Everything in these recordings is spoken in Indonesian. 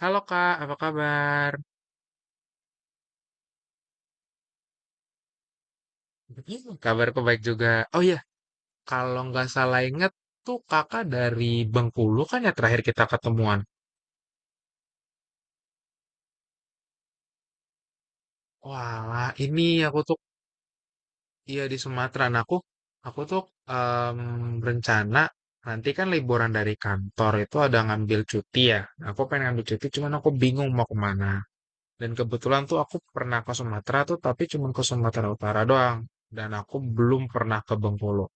Halo Kak, apa kabar? Kabarku baik juga. Oh iya, kalau nggak salah inget tuh kakak dari Bengkulu kan ya terakhir kita ketemuan. Wah, ini aku tuh iya di Sumatera. Nah, aku em, berencana nanti kan liburan dari kantor itu ada ngambil cuti ya. Nah, aku pengen ngambil cuti, cuman aku bingung mau kemana. Dan kebetulan tuh aku pernah ke Sumatera tuh, tapi cuma ke Sumatera Utara doang. Dan aku belum pernah ke Bengkulu.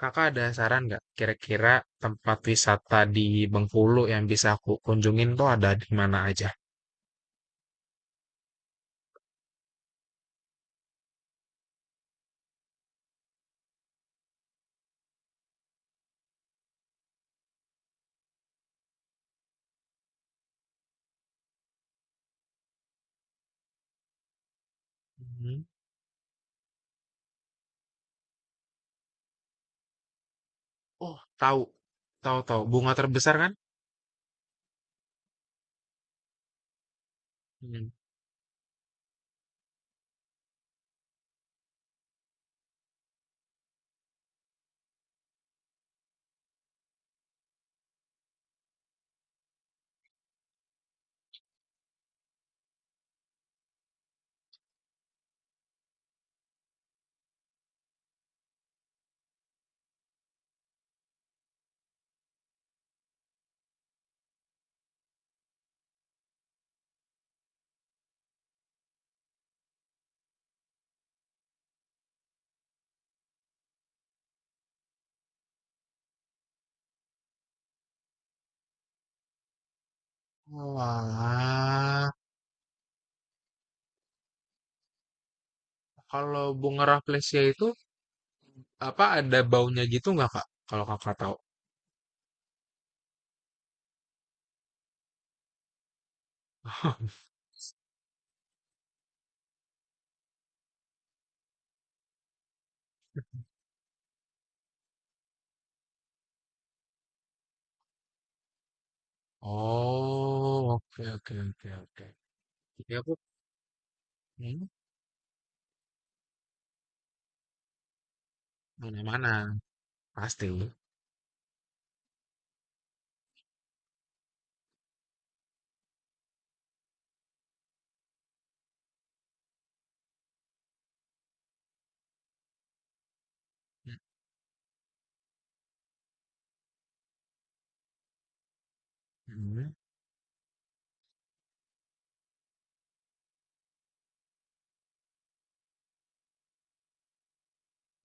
Kakak ada saran nggak kira-kira tempat wisata di Bengkulu yang bisa aku kunjungin tuh ada di mana aja? Hmm. Oh, tahu, tahu, tahu. Bunga terbesar kan? Hmm. Walah, kalau bunga rafflesia itu apa ada baunya gitu nggak kak? Kalau kakak tahu. Oh, oke, oke, oke, oke. Jadi hmm, mana-mana pasti. Mhm.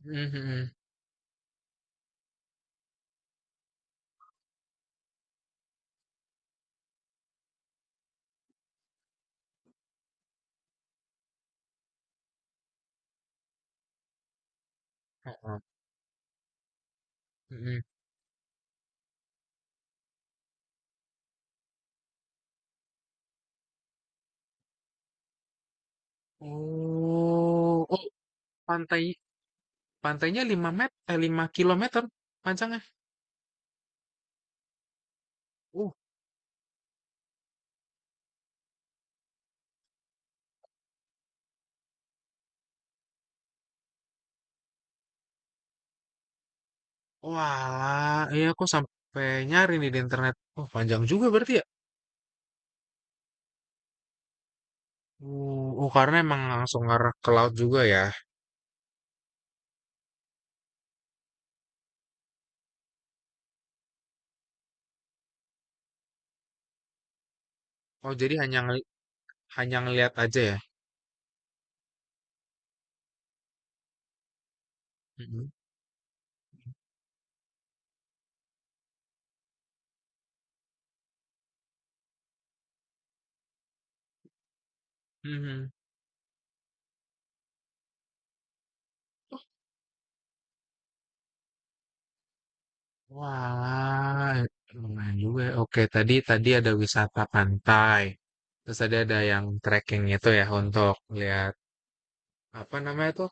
Mhm mhm. Heeh, mhm. Oh, oh pantai pantainya 5 met eh 5 kilometer panjangnya. Uh, wah, iya aku sampai nyari nih di internet. Oh, panjang juga berarti ya? Oh karena emang langsung ngarah ke laut juga ya. Oh, jadi hanya ngelihat aja ya. Mhm. Mhm. Wah, lumayan juga. Ya. Oke, tadi tadi ada wisata pantai. Terus tadi ada yang trekking itu ya untuk lihat apa namanya tuh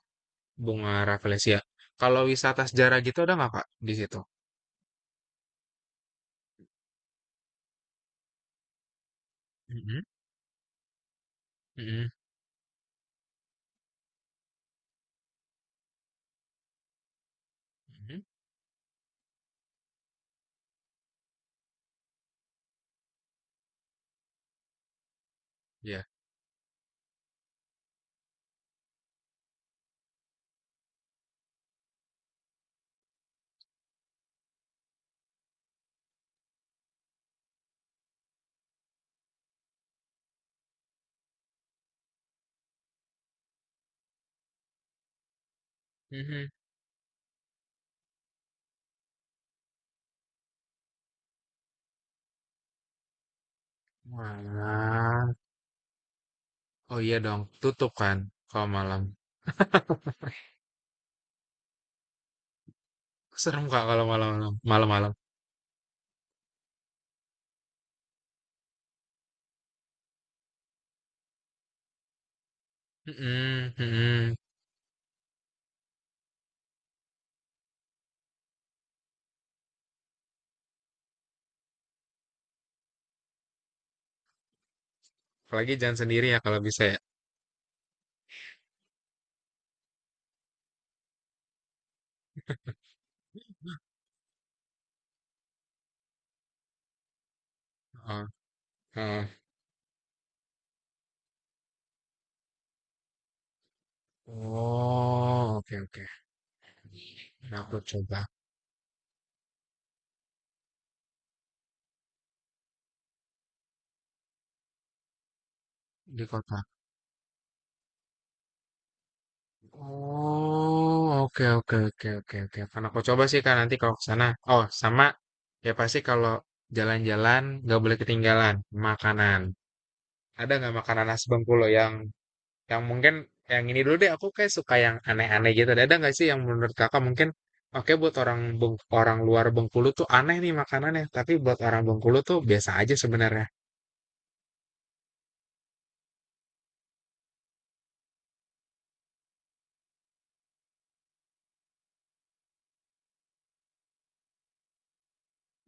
bunga rafflesia. Kalau wisata sejarah gitu ada nggak Kak di situ? Mhm, mhm, mhm, iya, mhm. Wah, oh iya dong, tutup kan kalau malam. Serem Kak kalau malam-malam, malam-malam. Mhm, mhm. Apalagi jangan sendiri ya kalau bisa ya. Heeh, heeh. Oh, oke oke. Nah, aku coba di kota. Oh, oke oke oke oke oke. Karena aku coba sih kak nanti kalau ke sana. Oh, sama ya pasti kalau jalan-jalan nggak boleh ketinggalan makanan. Ada nggak makanan khas Bengkulu yang mungkin yang ini dulu deh aku kayak suka yang aneh-aneh gitu. Ada nggak sih yang menurut kakak mungkin oke buat orang luar Bengkulu tuh aneh nih makanannya, tapi buat orang Bengkulu tuh biasa aja sebenarnya.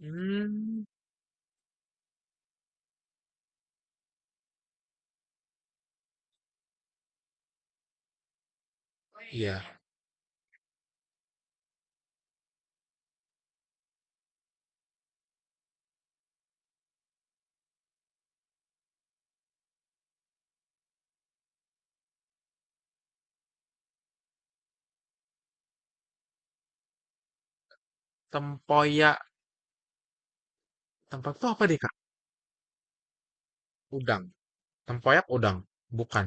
Hmm, iya. Tempoyak. Tempat tuh apa deh, Kak? Udang. Tempoyak udang. Bukan.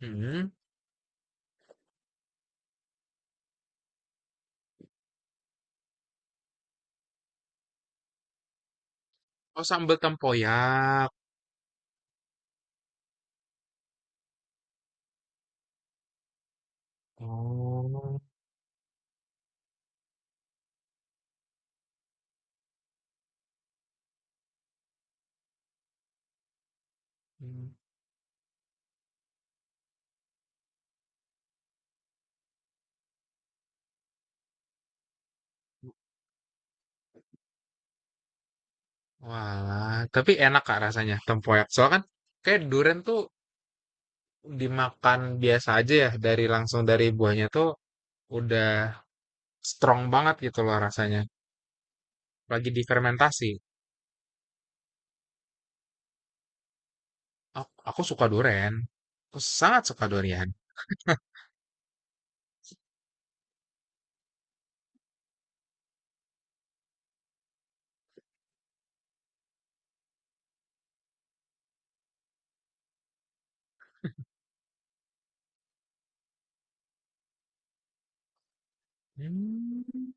Mhm. Oh, sambal tempoyak. Oh. Hmm. Walah, tapi enak Kak rasanya tempoyak. Soalnya kan kayak durian tuh dimakan biasa aja ya, dari langsung dari buahnya tuh udah strong banget gitu loh rasanya. Lagi difermentasi. Aku suka durian. Aku sangat suka durian. Hmm.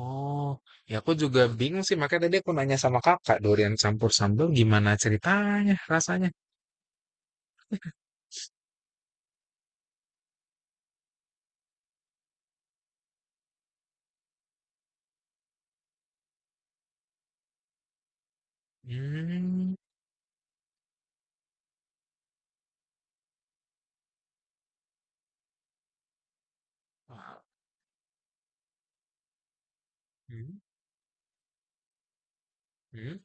Oh, ya aku juga bingung sih. Makanya tadi aku nanya sama kakak, durian campur sambal gimana ceritanya, rasanya. Hmm. Wah. Hmm. Hmm?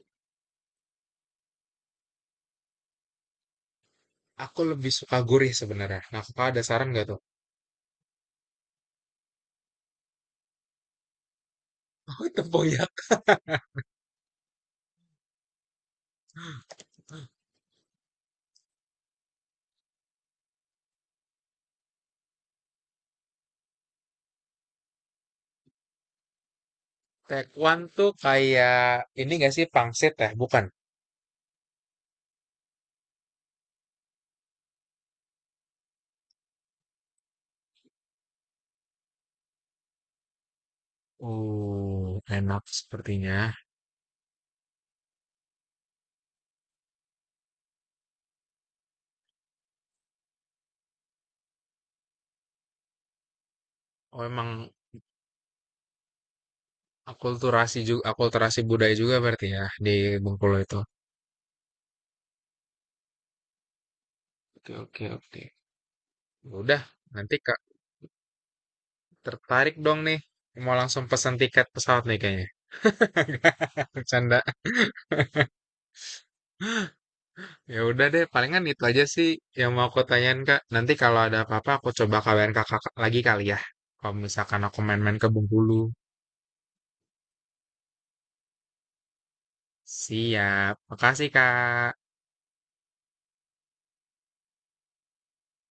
Aku lebih suka gurih sebenarnya. Nah, kakak ada saran nggak tuh? Oh, tempoyak. Tekwan tuh kayak ini nggak sih pangsit ya? Bukan. Oh, enak sepertinya. Oh, emang akulturasi juga, akulturasi budaya juga berarti ya di Bengkulu itu. Oke, oke, oke. Ya udah, nanti Kak tertarik dong nih. Mau langsung pesan tiket pesawat nih kayaknya. Bercanda. Ya udah deh, palingan itu aja sih yang mau aku tanyain Kak. Nanti kalau ada apa-apa aku coba kabarin Kakak lagi kali ya. Kalau misalkan aku main-main ke Bengkulu. Siap. Makasih Kak.